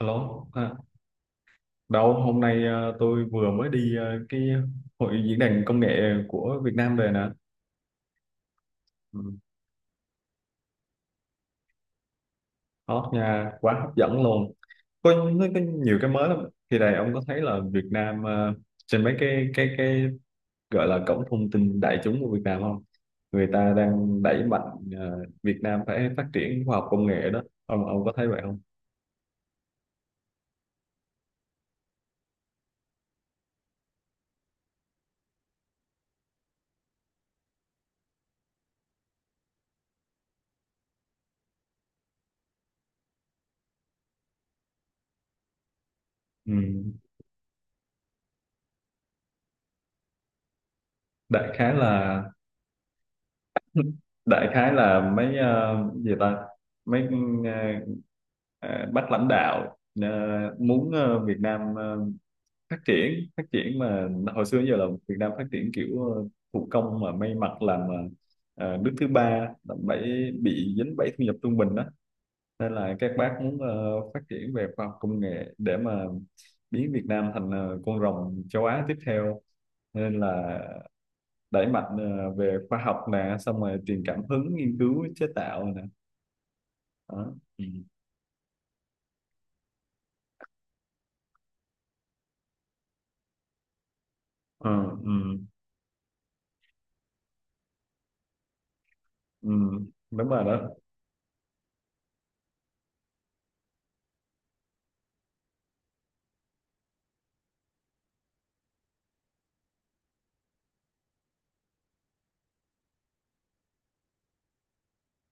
Alo, đâu hôm nay tôi vừa mới đi cái hội diễn đàn công nghệ của Việt Nam về nè. Ừ. Hot nha, quá hấp dẫn luôn. Có, nó có nhiều cái mới lắm. Thì này ông có thấy là Việt Nam trên mấy cái gọi là cổng thông tin đại chúng của Việt Nam không? Người ta đang đẩy mạnh Việt Nam phải phát triển khoa học công nghệ đó. Ông có thấy vậy không? Ừ. Đại khái là đại khái là mấy gì ta mấy ờ, ờ, bác lãnh đạo ờ, muốn Việt Nam phát triển mà hồi xưa giờ là Việt Nam phát triển kiểu ờ, thủ công mà may mặc làm nước thứ ba làm bẫy bị dính bẫy thu nhập trung bình đó nên là các bác muốn phát triển về khoa học công nghệ để mà biến Việt Nam thành con rồng châu Á tiếp theo nên là đẩy mạnh về khoa học nè xong rồi truyền cảm hứng nghiên cứu chế tạo nè đó. Ừ. Ờ, ừ, ừ, đúng rồi đó.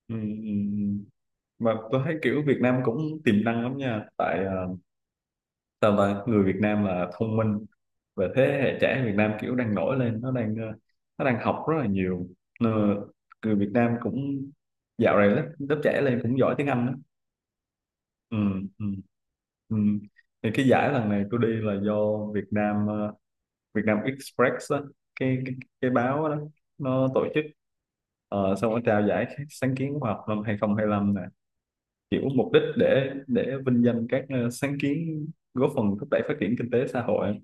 Ừ, ừ. Ừ. Mà tôi thấy kiểu Việt Nam cũng tiềm năng lắm nha, tại sao ta người Việt Nam là thông minh và thế hệ trẻ Việt Nam kiểu đang nổi lên, nó đang nó đang học rất là nhiều. Ờ, người Việt Nam cũng dạo này lớp trẻ lên cũng giỏi tiếng Anh đó. Ừ, ừ. Ừ. Thì cái giải lần này tôi đi là do Việt Nam Việt Nam Express đó, cái, cái cái báo đó nó tổ chức, xong nó trao giải sáng kiến khoa học năm hai không hai lăm nè, kiểu mục đích để vinh danh các sáng kiến góp phần thúc đẩy phát triển kinh tế xã hội.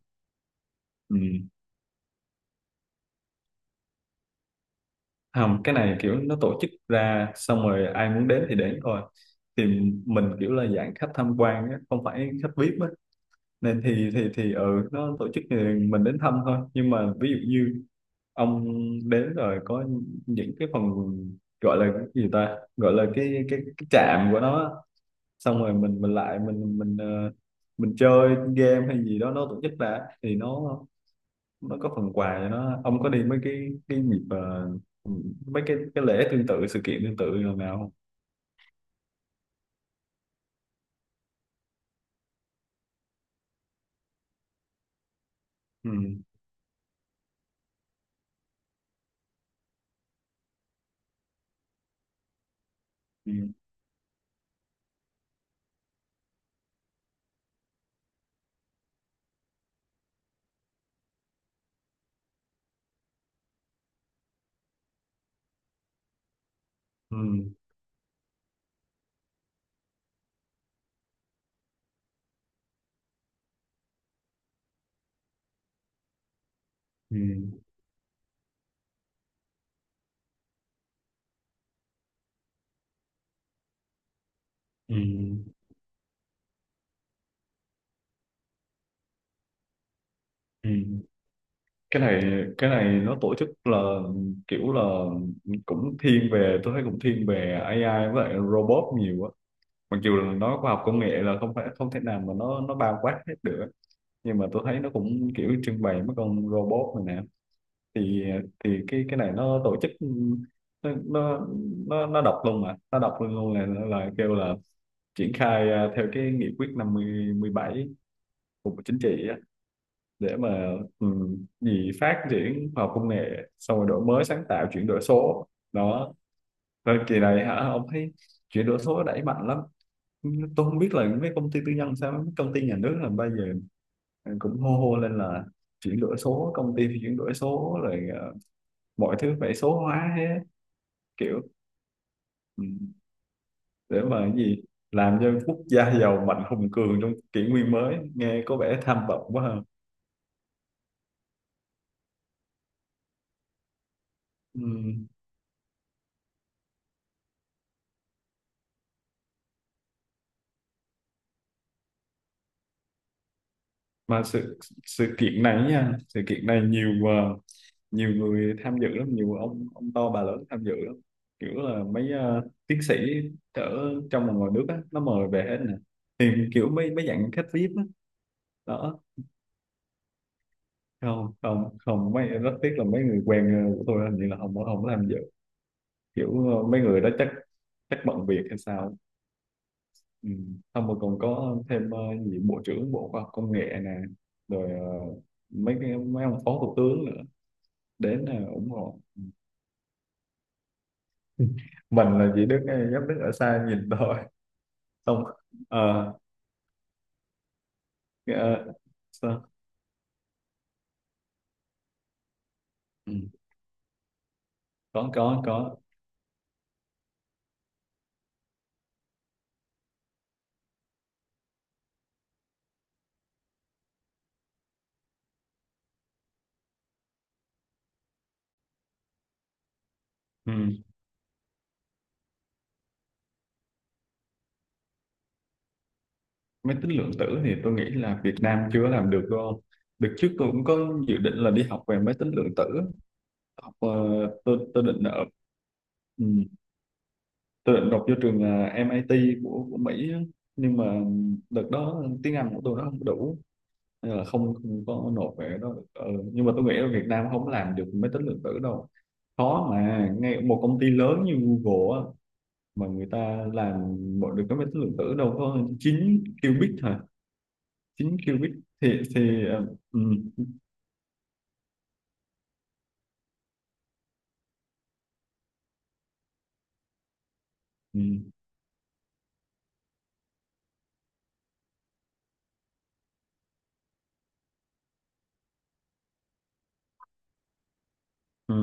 Ừ. Không, cái này kiểu nó tổ chức ra xong rồi ai muốn đến thì đến thôi, thì mình kiểu là dạng khách tham quan á, không phải khách VIP á, nên thì thì ừ nó tổ chức thì mình đến thăm thôi. Nhưng mà ví dụ như ông đến rồi có những cái phần gọi là cái gì ta, gọi là cái trạm của nó á. Xong rồi mình lại mình mình chơi game hay gì đó nó tổ chức đã thì nó có phần quà cho nó. Ông có đi mấy cái dịp mấy cái lễ tương tự, sự kiện tương tự nào nào không? Ừ, ừ, ừ, ừ, ừ, ừ, ừ. cái này cái này nó tổ chức là kiểu là cũng thiên về, tôi thấy cũng thiên về AI với lại robot nhiều á, mặc dù là nó khoa học công nghệ là không phải không thể nào mà nó bao quát hết được. Nhưng mà tôi thấy nó cũng kiểu trưng bày mấy con robot này nè. thì thì cái này nó tổ chức, nó nó nó đọc luôn, mà nó đọc luôn luôn là kêu là triển khai theo cái nghị quyết 57 của Bộ Chính trị á, để mà gì phát triển khoa học công nghệ xong rồi đổi mới sáng tạo, chuyển đổi số đó. Rồi kỳ này hả, ông thấy chuyển đổi số đẩy mạnh lắm. Tôi không biết là mấy công ty tư nhân sao, mấy công ty nhà nước là bây giờ cũng hô hô lên là chuyển đổi số, công ty thì chuyển đổi số, rồi mọi thứ phải số hóa hết kiểu, ừ, để mà cái gì làm cho quốc gia giàu mạnh hùng cường trong kỷ nguyên mới, nghe có vẻ tham vọng quá ha. Ừ. Mà sự sự kiện này nha, sự kiện này nhiều nhiều người tham dự lắm, nhiều ông to bà lớn tham dự lắm, kiểu là mấy tiến sĩ ở trong và ngoài nước á nó mời về hết nè, thì kiểu mấy mấy dạng khách VIP á. Đó, không không không, mấy rất tiếc là mấy người quen của tôi hình như là không có tham dự, kiểu mấy người đó chắc chắc bận việc hay sao. Ừ. Xong rồi còn có thêm gì bộ trưởng bộ khoa học công nghệ nè, rồi mấy cái mấy ông phó thủ tướng nữa đến là ủng hộ. Mình là chỉ đứng, dám đứng ở xa nhìn thôi, không. Ờ, ờ, sao? Ừ. Có có có. Ừ. Máy tính lượng tử thì tôi nghĩ là Việt Nam chưa làm được đâu. Đợt trước tôi cũng có dự định là đi học về máy tính lượng tử, học tôi định ở ừ, tôi định học vô trường MIT của Mỹ á. Nhưng mà đợt đó tiếng Anh của tôi nó không đủ, nên là không có nộp về đó. Ừ. Nhưng mà tôi nghĩ ở Việt Nam không làm được máy tính lượng tử đâu, khó mà ngay một công ty lớn như Google á, mà người ta làm mọi được cái máy tính lượng tử đâu có 9 qubit hả, 9 qubit thì thì ừ, ừ, ừ.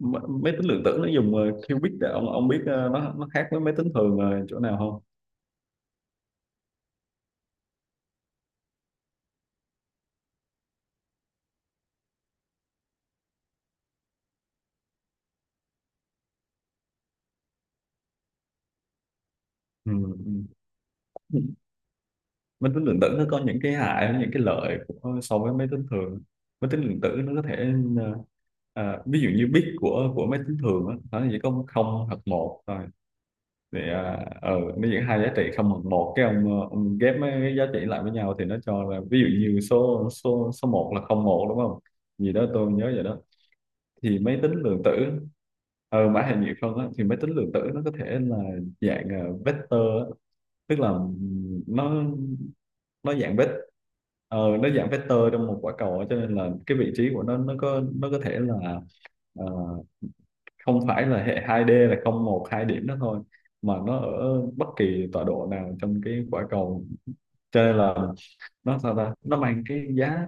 Máy tính lượng tử nó dùng qubit, để ông biết nó khác với máy tính thường chỗ nào không. Ừ, ừ. Máy tính lượng tử nó có những cái hại những cái lợi của, so với máy tính thường. Máy tính lượng tử nó có thể ờ, ví dụ như bit của máy tính thường á, nó chỉ có không hoặc một, thì nó những hai giá trị không bằng một cái, ông ông ghép mấy cái giá trị lại với nhau thì nó cho là ví dụ như số số số một là không một đúng không, gì đó tôi nhớ vậy đó. Thì máy tính lượng tử, ờ mã hình như không á, thì máy tính lượng tử nó có thể là dạng vector á. Tức là nó dạng vector, nó dạng vector trong một quả cầu á. Cho nên là cái vị trí của nó, nó có thể là à, không phải là hệ 2D là 0 1 2 điểm đó thôi, mà nó ở bất kỳ tọa độ nào trong cái quả cầu, cho nên là nó sao ta nó mang cái giá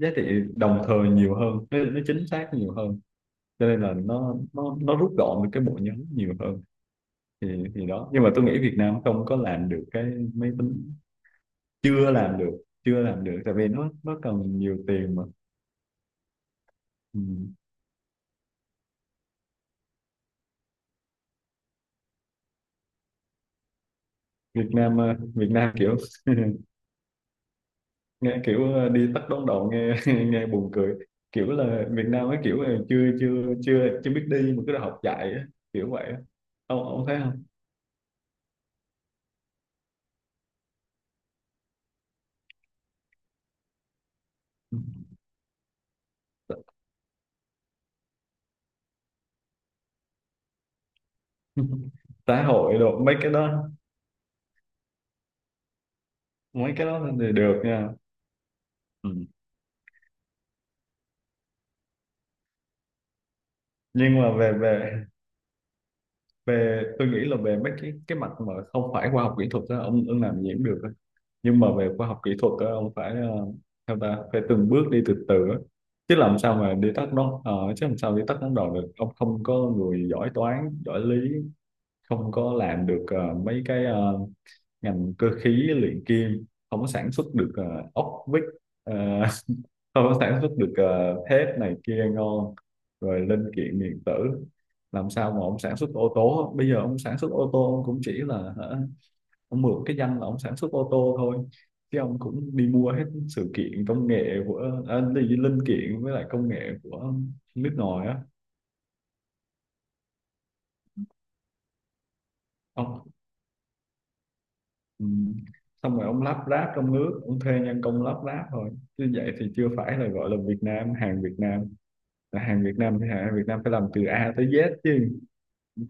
giá trị đồng thời nhiều hơn, nó chính xác nhiều hơn, cho nên là nó rút gọn được cái bộ nhớ nhiều hơn. thì thì đó. Nhưng mà tôi nghĩ Việt Nam không có làm được cái máy tính, chưa làm được, chưa làm được tại vì nó cần nhiều tiền mà. Ừ. Việt Nam Việt Nam kiểu, nghe kiểu đi tắt đón đầu nghe nghe buồn cười, kiểu là Việt Nam ấy kiểu là chưa chưa chưa chưa biết đi mà cứ đòi học chạy á, kiểu vậy á. Ông thấy không? Ừ. Xã hội đồ mấy cái đó, mấy cái đó thì được nha. Ừ. Nhưng mà về về về tôi nghĩ là về mấy cái mặt mà không phải khoa học kỹ thuật á, ông làm gì cũng được. Nhưng mà về khoa học kỹ thuật á, ông phải theo ta phải từng bước đi từ từ á. Chứ làm sao mà đi tắt nó chứ làm sao đi tắt đón đầu được, ông không có người giỏi toán giỏi lý, không có làm được mấy cái ngành cơ khí luyện kim, không có sản xuất được ốc vít, ờ, không có sản xuất được thép này kia ngon, rồi linh kiện điện tử, làm sao mà ông sản xuất ô tô? Bây giờ ông sản xuất ô tô, ông cũng chỉ là hả, ông mượn cái danh là ông sản xuất ô tô thôi, chứ ông cũng đi mua hết sự kiện công nghệ của đi linh kiện với lại công nghệ của nước ngoài á. Ông, ừ. Xong rồi ông lắp ráp trong nước, ông thuê nhân công lắp ráp thôi, chứ vậy thì chưa phải là gọi là Việt Nam, hàng Việt Nam là hàng Việt Nam thì hàng Việt Nam phải làm từ A tới Z chứ.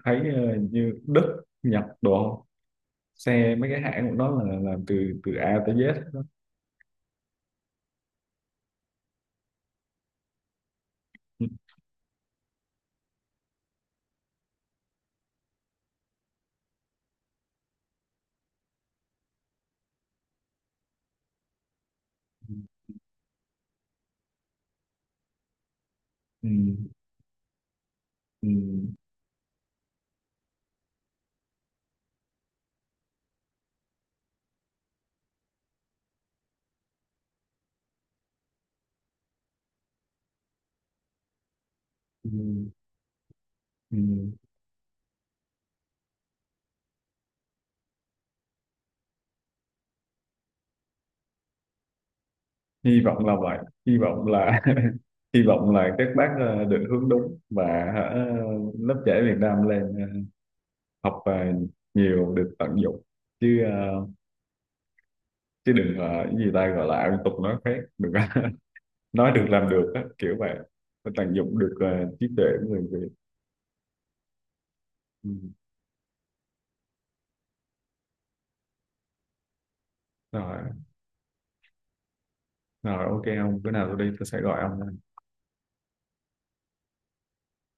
Thấy như Đức Nhật đồ, xe mấy cái hãng của nó là làm từ từ A tới Z đó. Ừ. Ừ. Ừ. Ừ. Ừ. Hy vọng là vậy, hy vọng là hy vọng là các bác định hướng đúng và hả, lớp trẻ Việt Nam lên học nhiều được tận dụng. Chứ chứ đừng cái gì ta, gọi là ăn tục nói khác, đừng có- nói được làm được á, kiểu vậy. Phải tận dụng được trí tuệ của người Việt. Ừ. Rồi, rồi ok, ông bữa nào tôi đi tôi sẽ gọi ông.